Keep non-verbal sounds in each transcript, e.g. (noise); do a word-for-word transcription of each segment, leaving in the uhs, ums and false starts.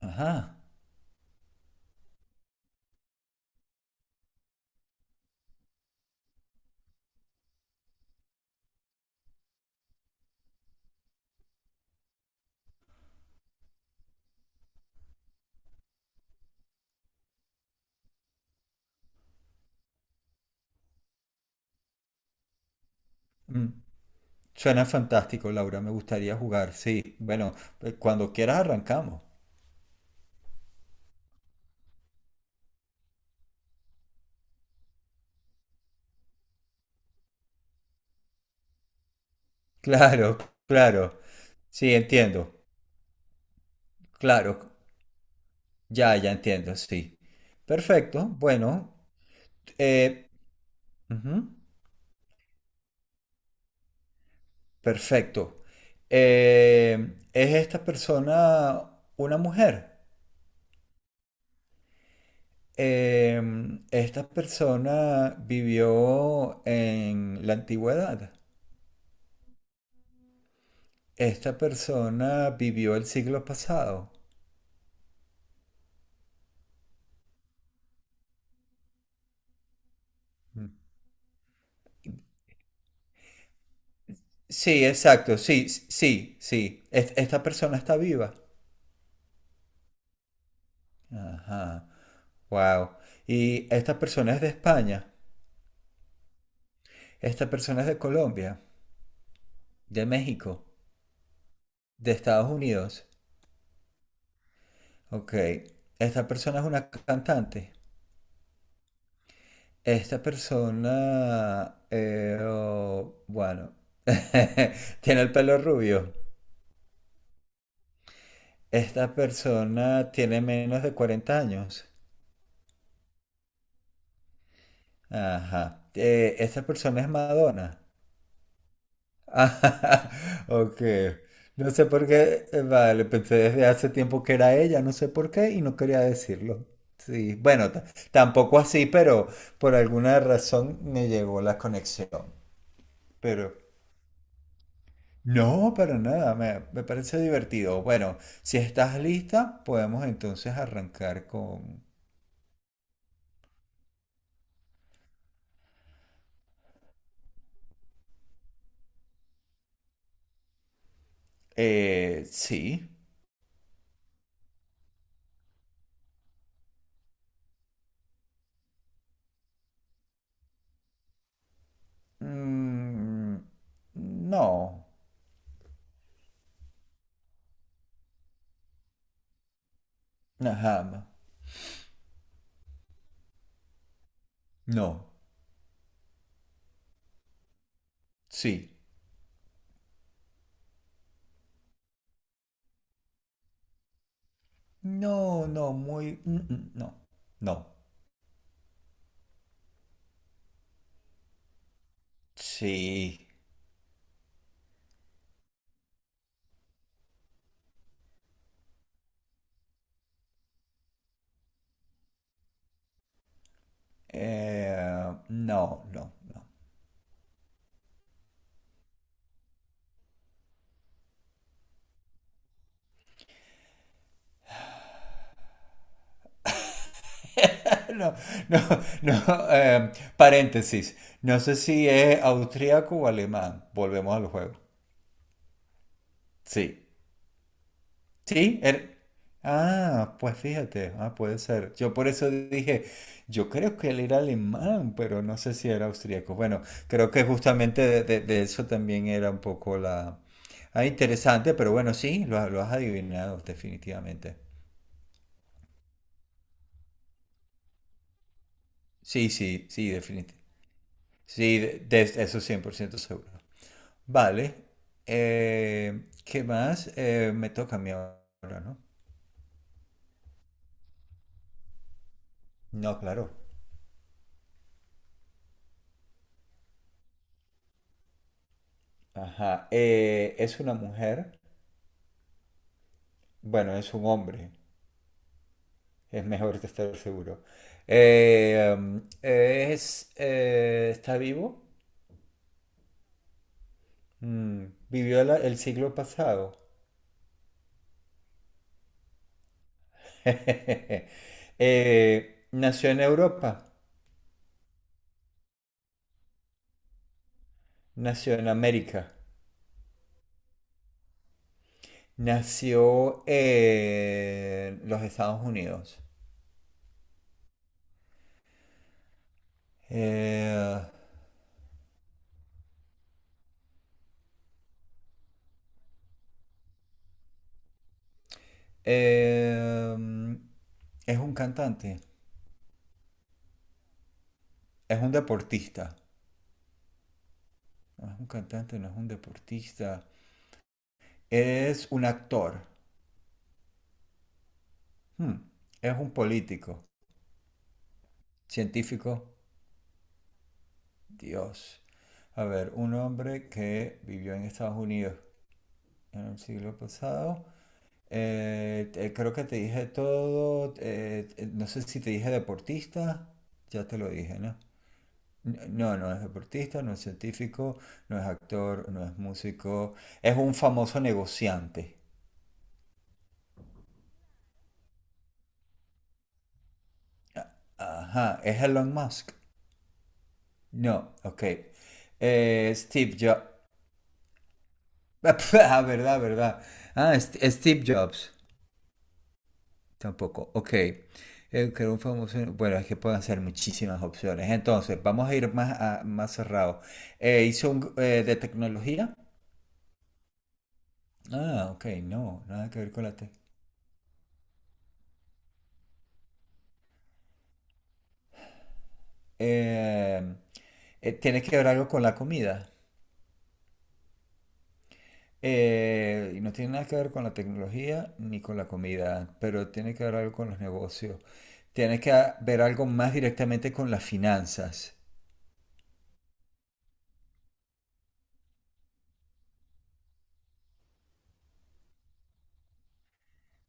Ajá. Mm. Suena fantástico, Laura. Me gustaría jugar. Sí, bueno, eh, cuando quieras arrancamos. Claro, claro. Sí, entiendo. Claro, ya, ya entiendo, sí. Perfecto, bueno. eh, ujú, Perfecto. Eh, ¿es esta persona una mujer? Em, esta persona vivió en la antigüedad. Esta persona vivió el siglo pasado. Sí, exacto, sí, sí, sí. Es- esta persona está viva. Ajá, wow. Y esta persona es de España, esta persona es de Colombia, de México, de Estados Unidos. Ok, esta persona es una cantante. Esta persona, eh, oh, bueno, (laughs) tiene el pelo rubio. Esta persona tiene menos de cuarenta años. Ajá. Eh, esta persona es Madonna. Ah, (laughs) ok. No sé por qué, eh, vale, pensé desde hace tiempo que era ella, no sé por qué y no quería decirlo. Sí, bueno, ta- tampoco así, pero por alguna razón me llegó la conexión. Pero no, para nada, me, me parece divertido. Bueno, si estás lista, podemos entonces arrancar con... Eh, sí. Mm, no. Ajá. No. Sí. No, no, muy... mm, mm, No, no. Sí. Eh, no, no, no. (laughs) No, no, no. eh, paréntesis. No sé si es austríaco o alemán. Volvemos al juego. Sí. Sí, er- Ah, pues fíjate, ah, puede ser. Yo por eso dije, yo creo que él era alemán, pero no sé si era austríaco. Bueno, creo que justamente de, de- de eso también era un poco la... Ah, interesante, pero bueno, sí, lo, lo has adivinado definitivamente. Sí, sí, sí, definitivamente. Sí, de, de eso cien por ciento seguro. Vale, eh, ¿qué más? Eh, me toca a mí ahora, ¿no? No, claro. Ajá, eh, es una mujer. Bueno, es un hombre. Es mejor estar seguro. Eh, um, eh, es, eh, ¿está vivo? Mm, vivió la- el siglo pasado. (laughs) Eh, nació en Europa. Nació en América. Nació en los Estados Unidos. Eh, eh, mm, es un cantante. Es un deportista. No es un cantante, no es un deportista. Es un actor. Hmm, Es un político, científico, Dios. A ver, un hombre que vivió en Estados Unidos en el siglo pasado. Eh, te- creo que te dije todo. Eh, eh, no sé si te dije deportista. Ya te lo dije, ¿no? N- No, no es deportista, no es científico, no es actor, no es músico. Es un famoso negociante. Ajá, ¿es Elon Musk? No, ok. Eh, Steve Jobs. (laughs) Ah, verdad, verdad. Ah, St- Steve Jobs. Tampoco. Ok. Eh, que era un famoso. Bueno, es que pueden ser muchísimas opciones. Entonces, vamos a ir más, a- más cerrado. Eh, hizo un, eh, de tecnología. Ah, ok, no, nada que ver con la te. Eh, eh, tiene que ver algo con la comida. Eh, y no tiene nada que ver con la tecnología ni con la comida, pero tiene que ver algo con los negocios. Tiene que ver algo más directamente con las finanzas.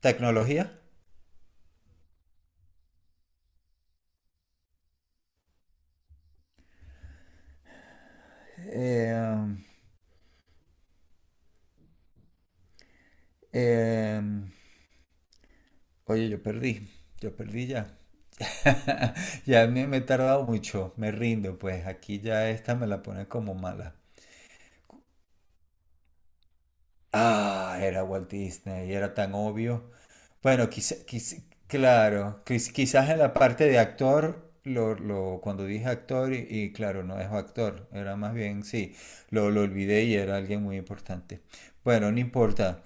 ¿Tecnología? Eh, eh, oye, yo perdí, yo perdí ya. (laughs) Ya me, me he tardado mucho, me rindo, pues aquí ya esta me la pone como mala. Ah, era Walt Disney, era tan obvio. Bueno, quizá, quiz- claro, quiz- quizás en la parte de actor, lo, lo, cuando dije actor, y, y claro, no es actor, era más bien, sí, lo, lo olvidé y era alguien muy importante. Bueno, no importa.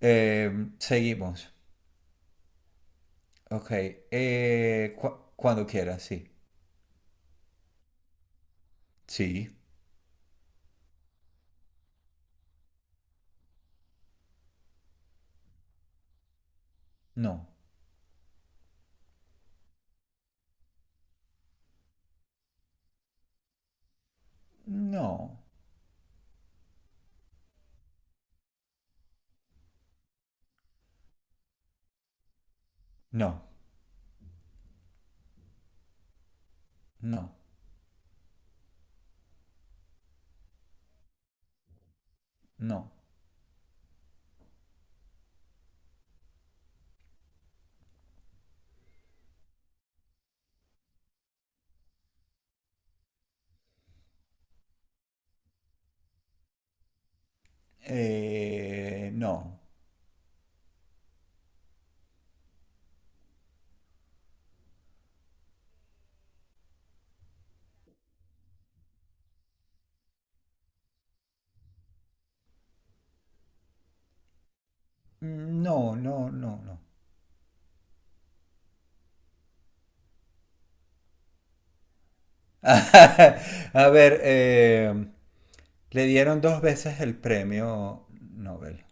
Eh, seguimos. Ok, eh, cu- cuando quieras, sí. Sí. No. No. No. No. No. Eh, no. No, no, no, no. (laughs) A ver, eh, le dieron dos veces el premio Nobel.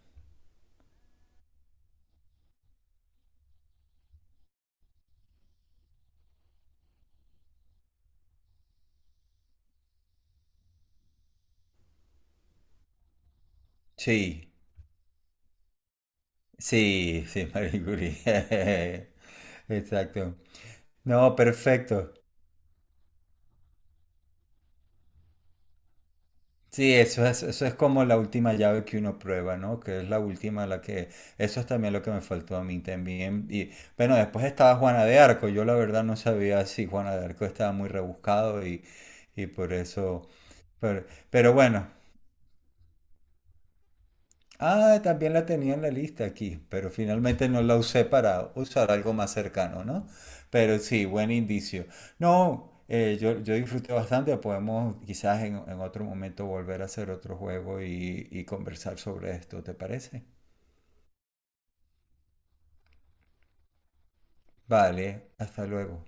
Sí, sí, sí, Marie Curie. (laughs) Exacto. No, perfecto. Sí, eso es, eso es como la última llave que uno prueba, ¿no? Que es la última, la que... Eso es también lo que me faltó a mí también. Y bueno, después estaba Juana de Arco. Yo la verdad no sabía si Juana de Arco estaba muy rebuscado y, y por eso... Pero, pero bueno, Ah, también la tenía en la lista aquí, pero finalmente no la usé para usar algo más cercano, ¿no? Pero sí, buen indicio. No, eh, yo, yo disfruté bastante, podemos quizás en, en otro momento volver a hacer otro juego y, y conversar sobre esto, ¿te parece? Vale, hasta luego.